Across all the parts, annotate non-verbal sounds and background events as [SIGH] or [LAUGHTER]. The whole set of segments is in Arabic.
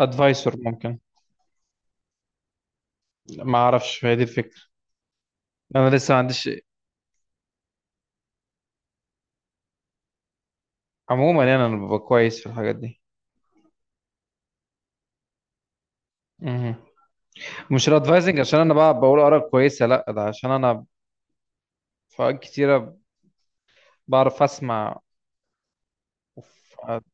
ادفايسور ممكن. ما اعرفش هي دي الفكره. انا لسه ما عنديش. عموما يعني انا ببقى كويس في الحاجات دي. مهم. مش الادفايزنج عشان انا بقى بقول اراء كويسه، لا ده عشان انا في اوقات كتيره بعرف اسمع. وف-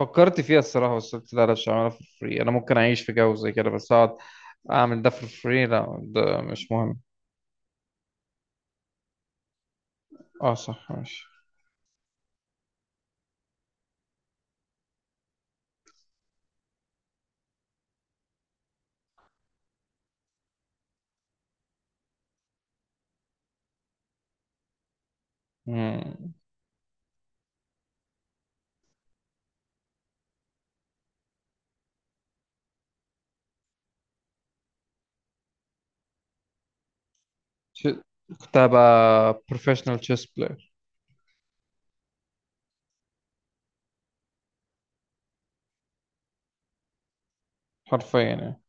فكرت فيها الصراحه بس قلت لا لا مش هعملها في فري، انا ممكن اعيش في جو زي كده بس اقعد اعمل ده في فري، لا ده مش مهم. اه صح ماشي. مم. ش- كنت هبقى بروفيشنال تشيس بلاير حرفيا يعني.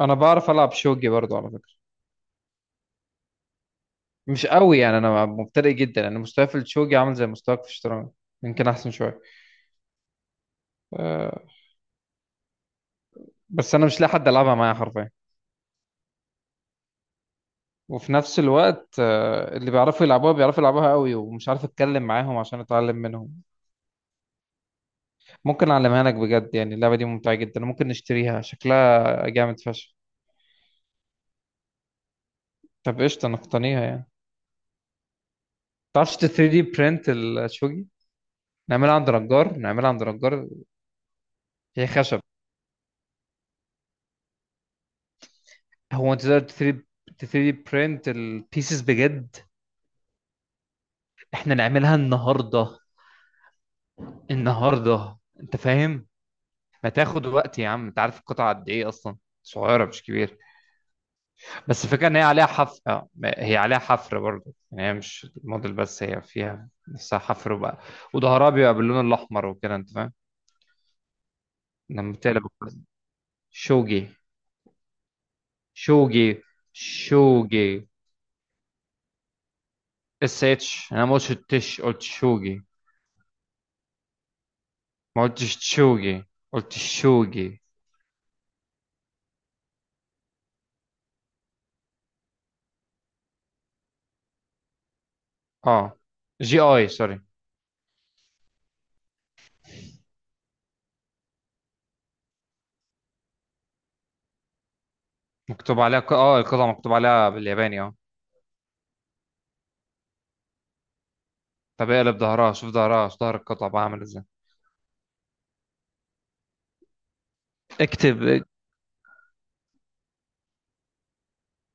انا بعرف العب شوجي برضو على فكره، مش قوي يعني، انا مبتدئ جدا، انا مستواي في الشوجي عامل زي مستواك في الشطرنج، يمكن احسن شويه. أه بس انا مش لاقي حد العبها معايا حرفيا، وفي نفس الوقت أه اللي بيعرفوا يلعبوها بيعرفوا يلعبوها قوي ومش عارف اتكلم معاهم عشان اتعلم منهم. ممكن اعلمها لك بجد يعني اللعبه دي ممتعه جدا، ممكن نشتريها، شكلها جامد فشخ. طب قشطه نقتنيها يعني. تعرفش 3 دي برنت الشوجي؟ نعملها عند نجار، نعملها عند نجار. هي خشب. هو انت تقدر 3؟ 3 دي برنت البيسز بجد؟ احنا نعملها النهارده، النهارده انت فاهم. ما تاخد وقت يا عم، انت عارف القطعه قد ايه اصلا؟ صغيره مش كبيره. بس الفكره ان هي عليها حفر، اه، هي عليها حفر برضه، يعني هي مش موديل بس، هي فيها نفسها حفر وبقى، وظهرها بيبقى باللون الاحمر وكده انت فاهم، لما بتقلب الكويس. شوجي. شوجي شوجي. اس اتش، انا ما قلتش التش، قلت شوجي. ما قلتش تشوجي، قلت شوجي. اه جي اي سوري. مكتوب عليها اه القطعه مكتوب عليها بالياباني اه. طب اقلب ظهرها، شوف ظهرها، شوف ظهر القطعة بقى عامل ازاي. اكتب.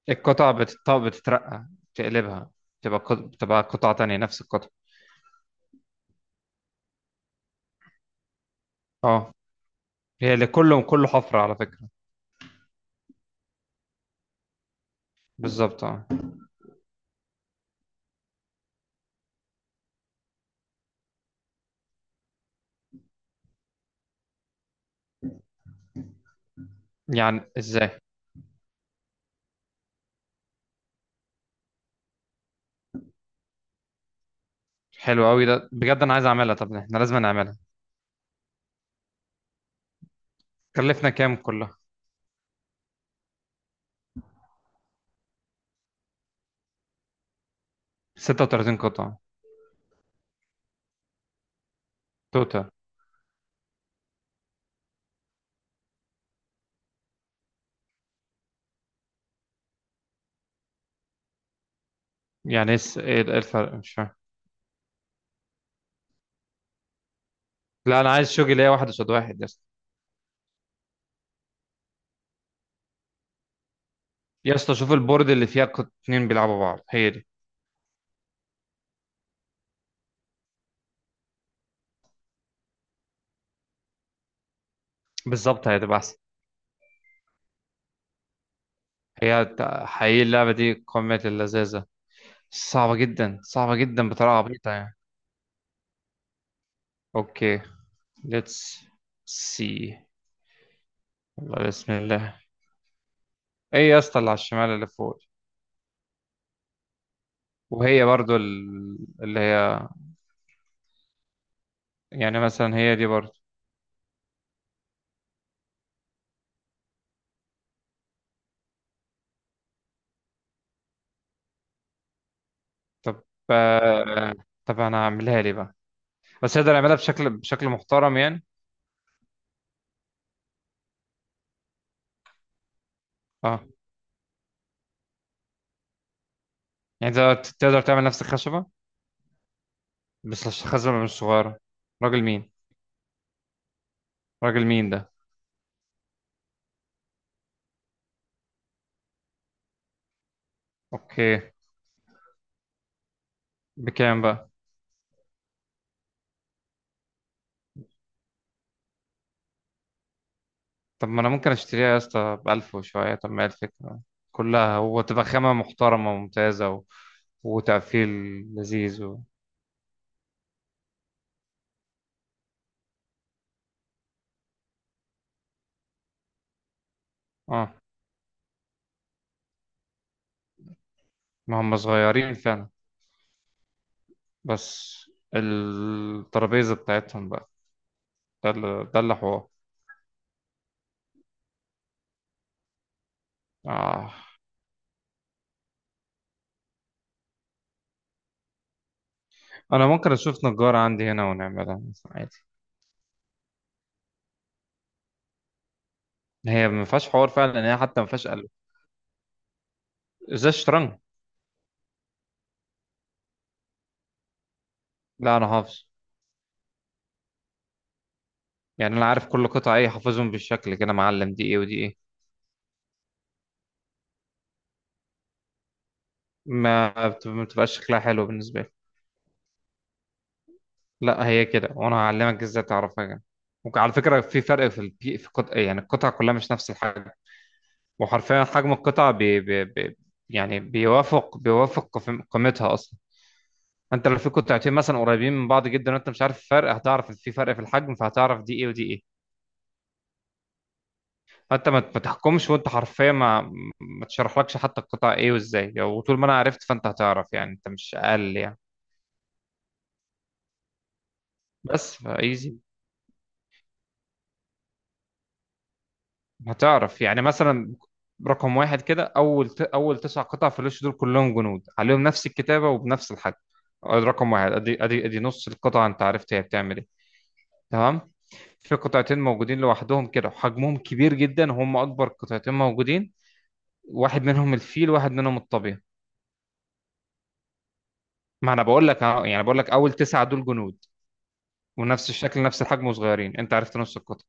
القطع بتترقى، تقلبها، تبقى بتبقى قطعة تانية نفس القطعة. اه هي اللي كله كله حفرة على فكرة. بالظبط اه. يعني ازاي؟ حلو قوي ده بجد، انا عايز اعملها، طب احنا لازم نعملها. كلفنا كام كلها؟ 36 قطعة توتال. يعني ايه ايه الفرق مش فاهم؟ لا انا عايز شغل ليا، واحد قصاد واحد يا اسطى. يا اسطى شوف البورد اللي فيها اتنين بيلعبوا بعض، هي دي بالظبط، هي تبقى احسن. حقيقي اللعبة دي قمة اللذاذة، صعبة جدا، صعبة جدا بطريقة عبيطة يعني. اوكي. ليتس سي. والله بسم الله. ايه يا اسطى اللي على الشمال اللي فوق؟ وهي برضو اللي هي، يعني مثلا هي دي برضو. طب آه، طب انا هعملها لي بقى، بس اقدر اعملها بشكل بشكل محترم يعني؟ اه. يعني تقدر تقدر تعمل نفس الخشبة؟ بس الخشبة مش صغيرة. راجل مين؟ راجل مين ده؟ اوكي. بكام بقى؟ طب ما انا ممكن اشتريها يا اسطى بألف وشوية، طب ما هي الفكرة كلها هو تبقى خامة محترمة وممتازة و... وتقفيل لذيذ و... اه ما هم صغيرين فعلا، بس الترابيزة بتاعتهم بقى، ده اللي ده اللي حوار. آه. انا ممكن اشوف نجارة عندي هنا ونعملها مثلا عادي. هي ما فيهاش حوار فعلا، إن هي حتى ما فيهاش قلب. ازاي الشطرنج؟ لا انا حافظ. يعني انا عارف كل قطعة ايه، حافظهم بالشكل كده معلم، دي ايه ودي ايه. ما بتبقاش شكلها حلو بالنسبة لي. لا هي كده وانا هعلمك ازاي تعرفها يعني. وعلى فكره في فرق في البي في قط... يعني القطع كلها مش نفس الحجم، وحرفيا حجم القطع بي... بي... بي... يعني بيوافق بيوافق قيمتها اصلا. انت لو في قطعتين مثلا قريبين من بعض جدا وانت مش عارف الفرق، هتعرف ان في فرق في الحجم، فهتعرف دي ايه ودي ايه. فانت ما تحكمش، وانت حرفيا ما تشرحلكش حتى القطع ايه وازاي، وطول ما انا عرفت فانت هتعرف يعني، انت مش اقل يعني. بس فايزي. هتعرف يعني مثلا، رقم واحد كده اول تسع قطع في الوش، دول كلهم جنود عليهم نفس الكتابه وبنفس الحجم. آه، رقم واحد ادي ادي ادي نص القطعه، انت عرفت هي بتعمل ايه. تمام. في قطعتين موجودين لوحدهم كده، وحجمهم كبير جدا، وهم اكبر قطعتين موجودين، واحد منهم الفيل واحد منهم الطبيعي. ما انا بقول لك أهو، يعني بقول لك اول تسعه دول جنود، ونفس الشكل نفس الحجم وصغيرين، انت عرفت نص القطعه.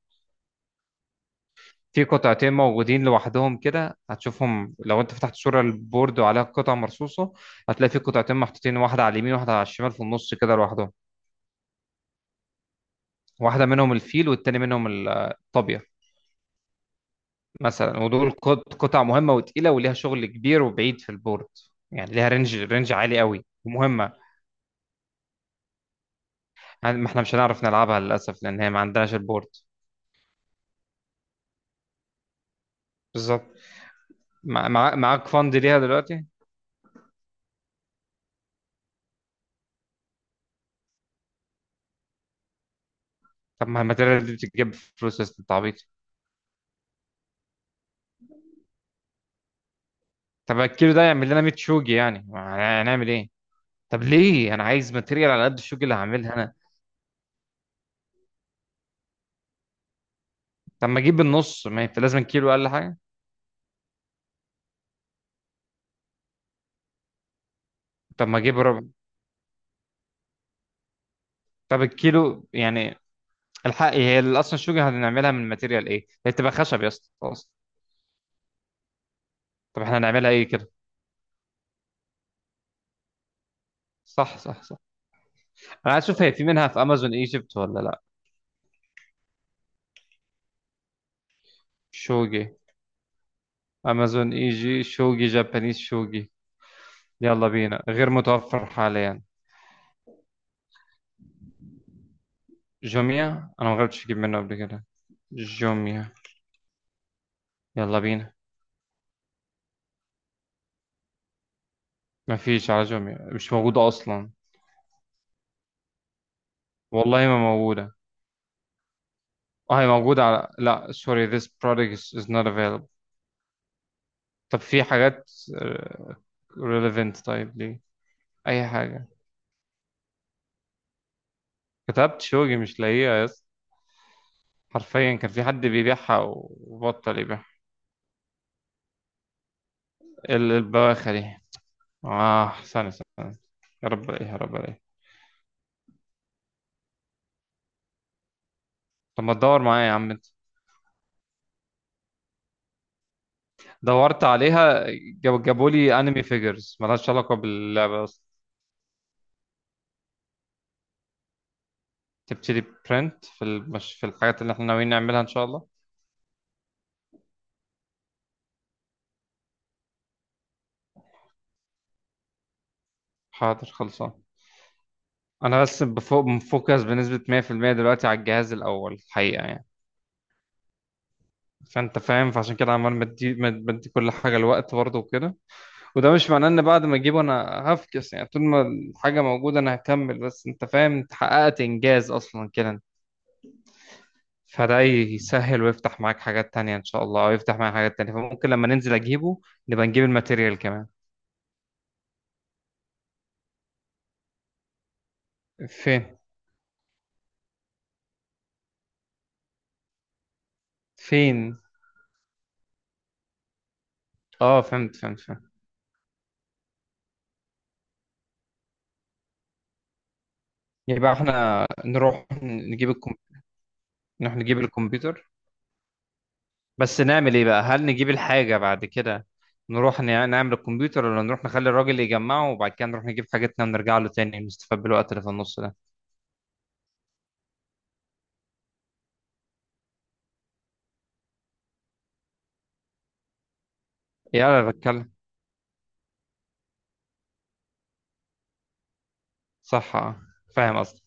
في قطعتين موجودين لوحدهم كده، هتشوفهم لو انت فتحت صورة البورد وعليها قطع مرصوصة، هتلاقي في قطعتين محطوطين، واحدة على اليمين واحدة على الشمال في النص كده لوحدهم. واحدة منهم الفيل والتاني منهم الطابية مثلا، ودول قطع مهمة وتقيلة وليها شغل كبير وبعيد في البورد. يعني ليها رينج عالي قوي ومهمة. يعني ما احنا مش هنعرف نلعبها للأسف لأن هي ما عندناش البورد. بالظبط. معاك فند ليها دلوقتي. طب ما الماتيريال دي بتتجيب بفلوس يا أستاذ التعبيط. طب الكيلو ده يعمل لنا 100 شوجي يعني، يعني هنعمل ايه؟ طب ليه، انا عايز ماتيريال على قد الشغل اللي هعملها انا. طب ما اجيب النص، ما انت لازم كيلو اقل حاجه. طب ما اجيب ربع. طب الكيلو يعني. الحق هي اصلا الشغل هنعملها من ماتيريال ايه، هي تبقى خشب يا اسطى خلاص. طب احنا هنعملها ايه كده؟ صح صح صح. انا عايز اشوف هي في منها في امازون ايجيبت ولا لا. شوجي. امازون ايجي شوجي جابانيز شوجي. يلا بينا. غير متوفر حاليا. جوميا، انا ما جربتش اجيب منه قبل كده. جوميا. يلا بينا. مفيش على جوميا، مش موجودة أصلا. والله ما موجودة. اه هي موجودة، على لا sorry, this product is, is not available. طب في حاجات آه، relevant؟ طيب ليه؟ أي حاجة. كتبت شوقي مش لاقيها يس. حرفيا كان في حد بيبيعها وبطل يبيعها. البواخة دي. اه ثانية ثانية. يا رب ايه، يا رب ايه. طب ما تدور معايا يا عم انت. دورت عليها. جاب جابوا لي انمي فيجرز ملهاش علاقة باللعبة اصلا. تبتدي برنت في في الحاجات اللي احنا ناويين نعملها ان شاء الله. حاضر خلصان. انا بس بفوق مفوكس بنسبة 100% دلوقتي على الجهاز الاول الحقيقة يعني. فانت فاهم، فعشان كده عمال بدي كل حاجة الوقت برضه وكده. وده مش معناه ان بعد ما اجيبه انا هفكس، يعني طول ما الحاجة موجودة انا هكمل، بس انت فاهم انت حققت انجاز اصلا كده، فده يسهل ويفتح معاك حاجات تانية ان شاء الله، ويفتح معاك حاجات تانية. فممكن لما ننزل اجيبه، نبقى نجيب الماتيريال كمان. فين؟ فين؟ اه فهمت فهمت فهمت. يبقى احنا نروح نجيب نروح نجيب الكمبيوتر، بس نعمل ايه بقى؟ هل نجيب الحاجة بعد كده، نروح نعمل الكمبيوتر، ولا نروح نخلي الراجل يجمعه وبعد كده نروح نجيب حاجتنا ونرجع له تاني نستفاد بالوقت اللي في النص ده؟ يا انا بتكلم. صح اه. فاهم قصدي.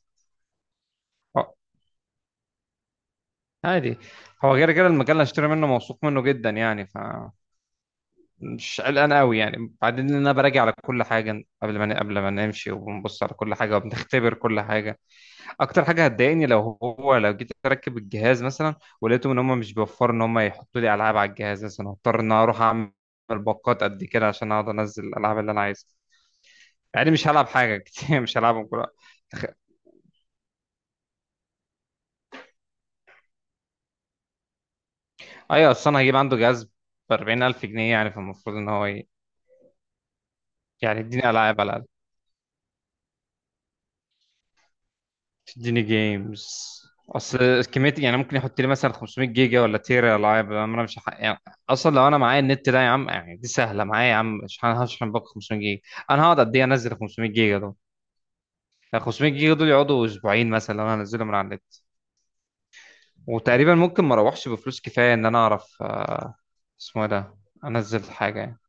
اه. عادي. هو غير كده المجال اللي هشتري منه موثوق منه جدا يعني، فمش قلقان قوي يعني. بعدين إن انا براجع على كل حاجة قبل ما قبل ما نمشي، وبنبص على كل حاجة وبنختبر كل حاجة. اكتر حاجه هتضايقني لو هو، لو جيت اركب الجهاز مثلا ولقيتهم ان هم مش بيوفروا ان هم يحطوا لي العاب على الجهاز مثلا، هضطر ان أنا اروح اعمل باقات قد كده عشان اقعد انزل الالعاب اللي انا عايزها. يعني مش هلعب حاجه [LAUGHS] كتير، مش هلعبهم كلها. ايوه اصل انا هجيب عنده جهاز ب 40000 جنيه يعني، فالمفروض ان هو يعني يديني العاب على الاقل، تديني جيمز. اصل كميه يعني، ممكن يحط لي مثلا 500 جيجا ولا تيرا العاب، انا مش يعني اصلا لو انا معايا النت ده يا عم، يعني دي سهله معايا يا عم، مش هشحن باقي 500 جيجا، انا هقعد قد ايه انزل 500 جيجا دول؟ يعني 500 جيجا دول يقعدوا اسبوعين مثلا لو انا هنزلهم من على النت. وتقريبا ممكن ما اروحش بفلوس كفايه ان انا اعرف آه، اسمه إيه ده، انزل حاجه يعني.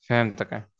فهمتك يعني.